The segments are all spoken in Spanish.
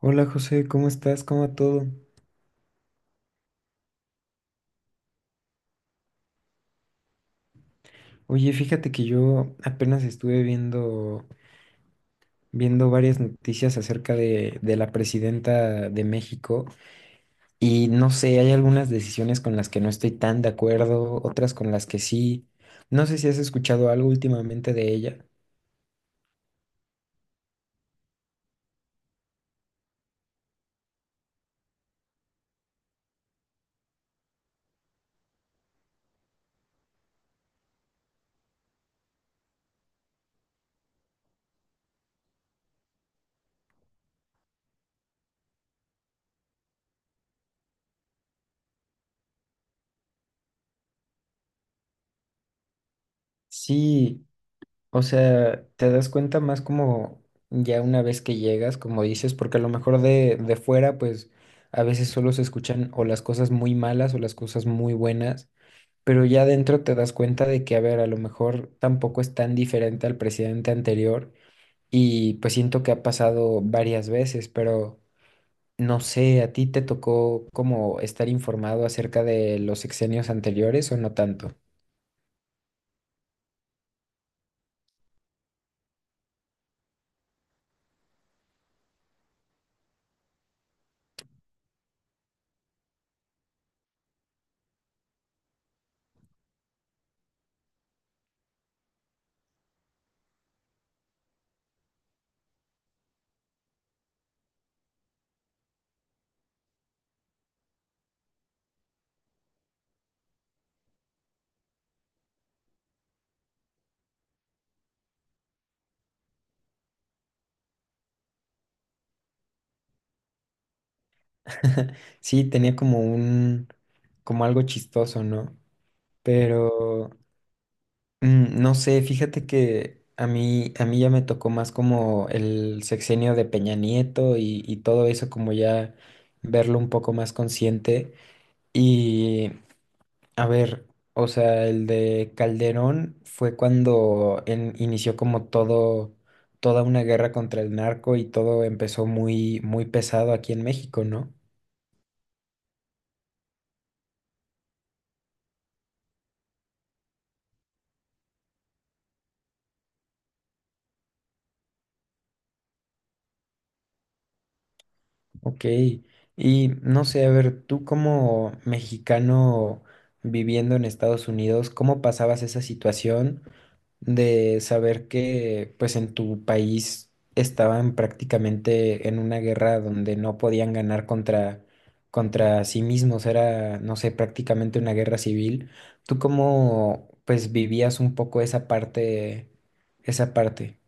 Hola José, ¿cómo estás? ¿Cómo va todo? Oye, fíjate que yo apenas estuve viendo, viendo varias noticias acerca de la presidenta de México y no sé, hay algunas decisiones con las que no estoy tan de acuerdo, otras con las que sí. No sé si has escuchado algo últimamente de ella. Sí, o sea, te das cuenta más como ya una vez que llegas, como dices, porque a lo mejor de fuera, pues a veces solo se escuchan o las cosas muy malas o las cosas muy buenas, pero ya adentro te das cuenta de que, a ver, a lo mejor tampoco es tan diferente al presidente anterior y pues siento que ha pasado varias veces, pero no sé, ¿a ti te tocó como estar informado acerca de los sexenios anteriores o no tanto? Sí, tenía como un, como algo chistoso, ¿no? Pero... No sé, fíjate que a mí ya me tocó más como el sexenio de Peña Nieto y todo eso, como ya verlo un poco más consciente. Y a ver, o sea, el de Calderón fue cuando inició como todo, toda una guerra contra el narco y todo empezó muy pesado aquí en México, ¿no? Ok, y no sé, a ver, tú como mexicano viviendo en Estados Unidos, ¿cómo pasabas esa situación de saber que pues en tu país estaban prácticamente en una guerra donde no podían ganar contra sí mismos? Era, no sé, prácticamente una guerra civil. ¿Tú cómo pues vivías un poco esa parte?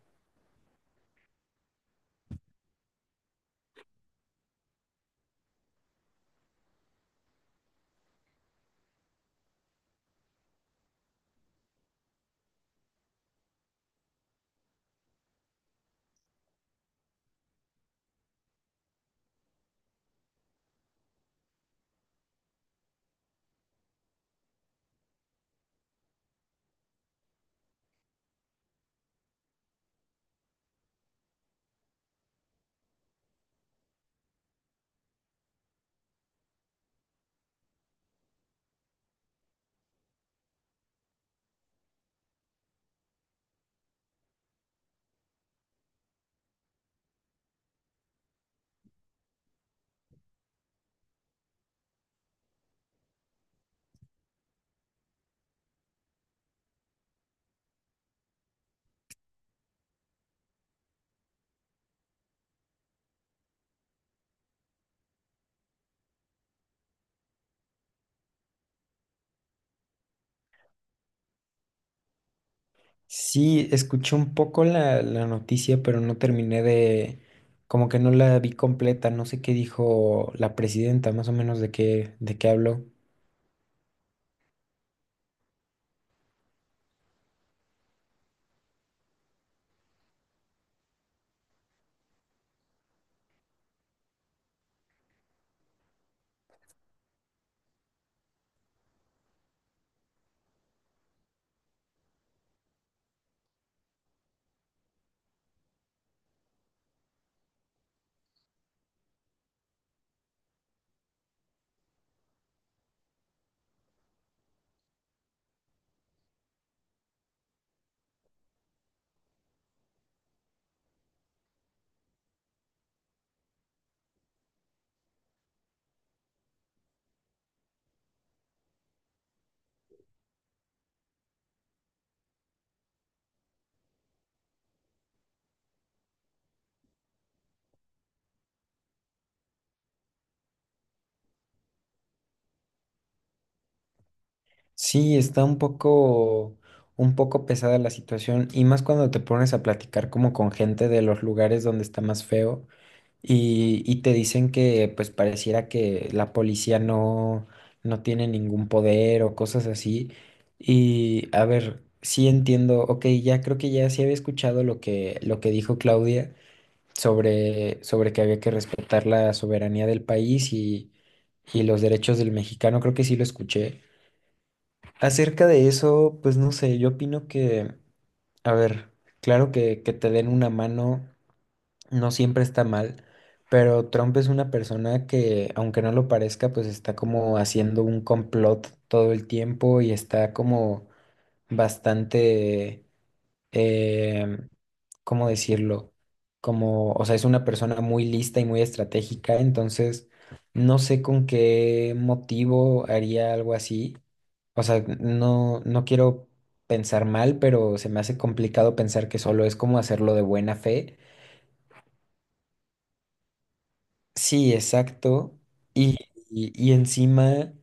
Sí, escuché un poco la noticia, pero no terminé de, como que no la vi completa, no sé qué dijo la presidenta, más o menos de qué habló. Sí, está un poco pesada la situación, y más cuando te pones a platicar como con gente de los lugares donde está más feo. Y te dicen que pues pareciera que la policía no, no tiene ningún poder o cosas así. Y a ver, sí entiendo, ok, ya creo que ya sí había escuchado lo que dijo Claudia sobre, sobre que había que respetar la soberanía del país y los derechos del mexicano, creo que sí lo escuché. Acerca de eso, pues no sé, yo opino que, a ver, claro que te den una mano no siempre está mal, pero Trump es una persona que, aunque no lo parezca, pues está como haciendo un complot todo el tiempo y está como bastante, eh, ¿cómo decirlo? Como, o sea, es una persona muy lista y muy estratégica, entonces no sé con qué motivo haría algo así. O sea, no, no quiero pensar mal, pero se me hace complicado pensar que solo es como hacerlo de buena fe. Sí, exacto. Y, y encima,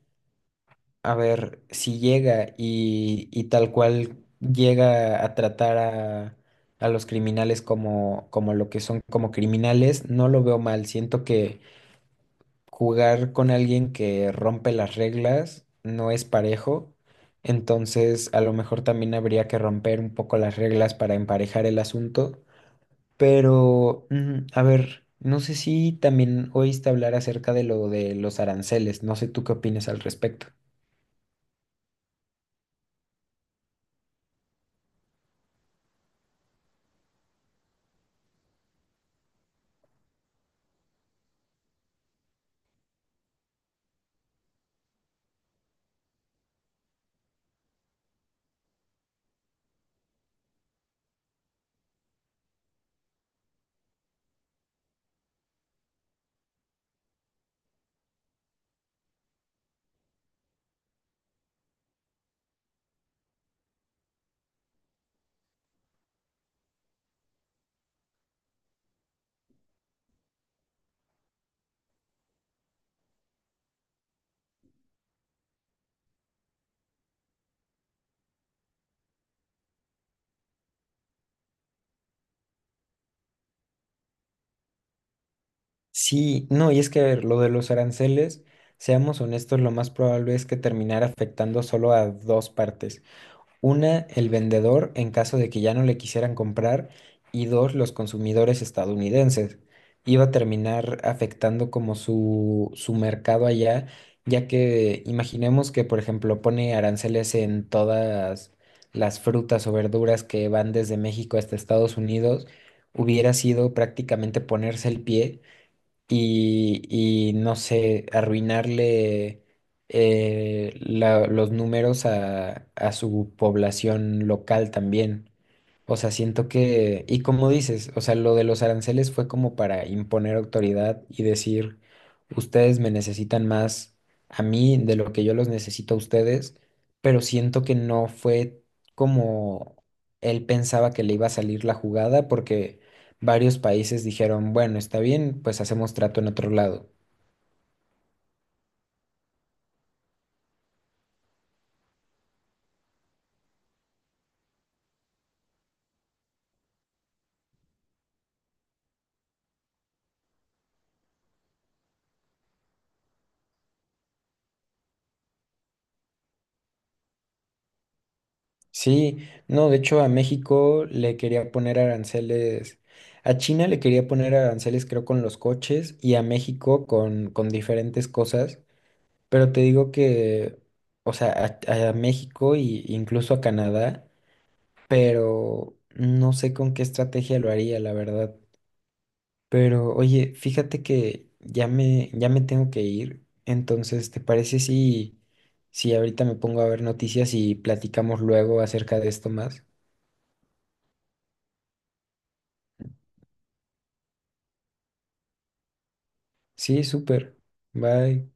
a ver, si llega y tal cual llega a tratar a los criminales como, como lo que son, como criminales, no lo veo mal. Siento que jugar con alguien que rompe las reglas no es parejo. Entonces, a lo mejor también habría que romper un poco las reglas para emparejar el asunto. Pero, a ver, no sé si también oíste hablar acerca de lo de los aranceles, no sé tú qué opinas al respecto. Sí, no, y es que, a ver, lo de los aranceles, seamos honestos, lo más probable es que terminara afectando solo a dos partes. Una, el vendedor en caso de que ya no le quisieran comprar y dos, los consumidores estadounidenses. Iba a terminar afectando como su mercado allá, ya que imaginemos que, por ejemplo, pone aranceles en todas las frutas o verduras que van desde México hasta Estados Unidos, hubiera sido prácticamente ponerse el pie y, no sé, arruinarle los números a su población local también. O sea, siento que, y como dices, o sea, lo de los aranceles fue como para imponer autoridad y decir, ustedes me necesitan más a mí de lo que yo los necesito a ustedes, pero siento que no fue como él pensaba que le iba a salir la jugada porque varios países dijeron, bueno, está bien, pues hacemos trato en otro lado. Sí, no, de hecho a México le quería poner aranceles, a China le quería poner aranceles creo con los coches y a México con diferentes cosas, pero te digo que, o sea, a México e incluso a Canadá, pero no sé con qué estrategia lo haría, la verdad. Pero oye, fíjate que ya ya me tengo que ir, entonces, ¿te parece si, si ahorita me pongo a ver noticias y platicamos luego acerca de esto más? Sí, súper. Bye.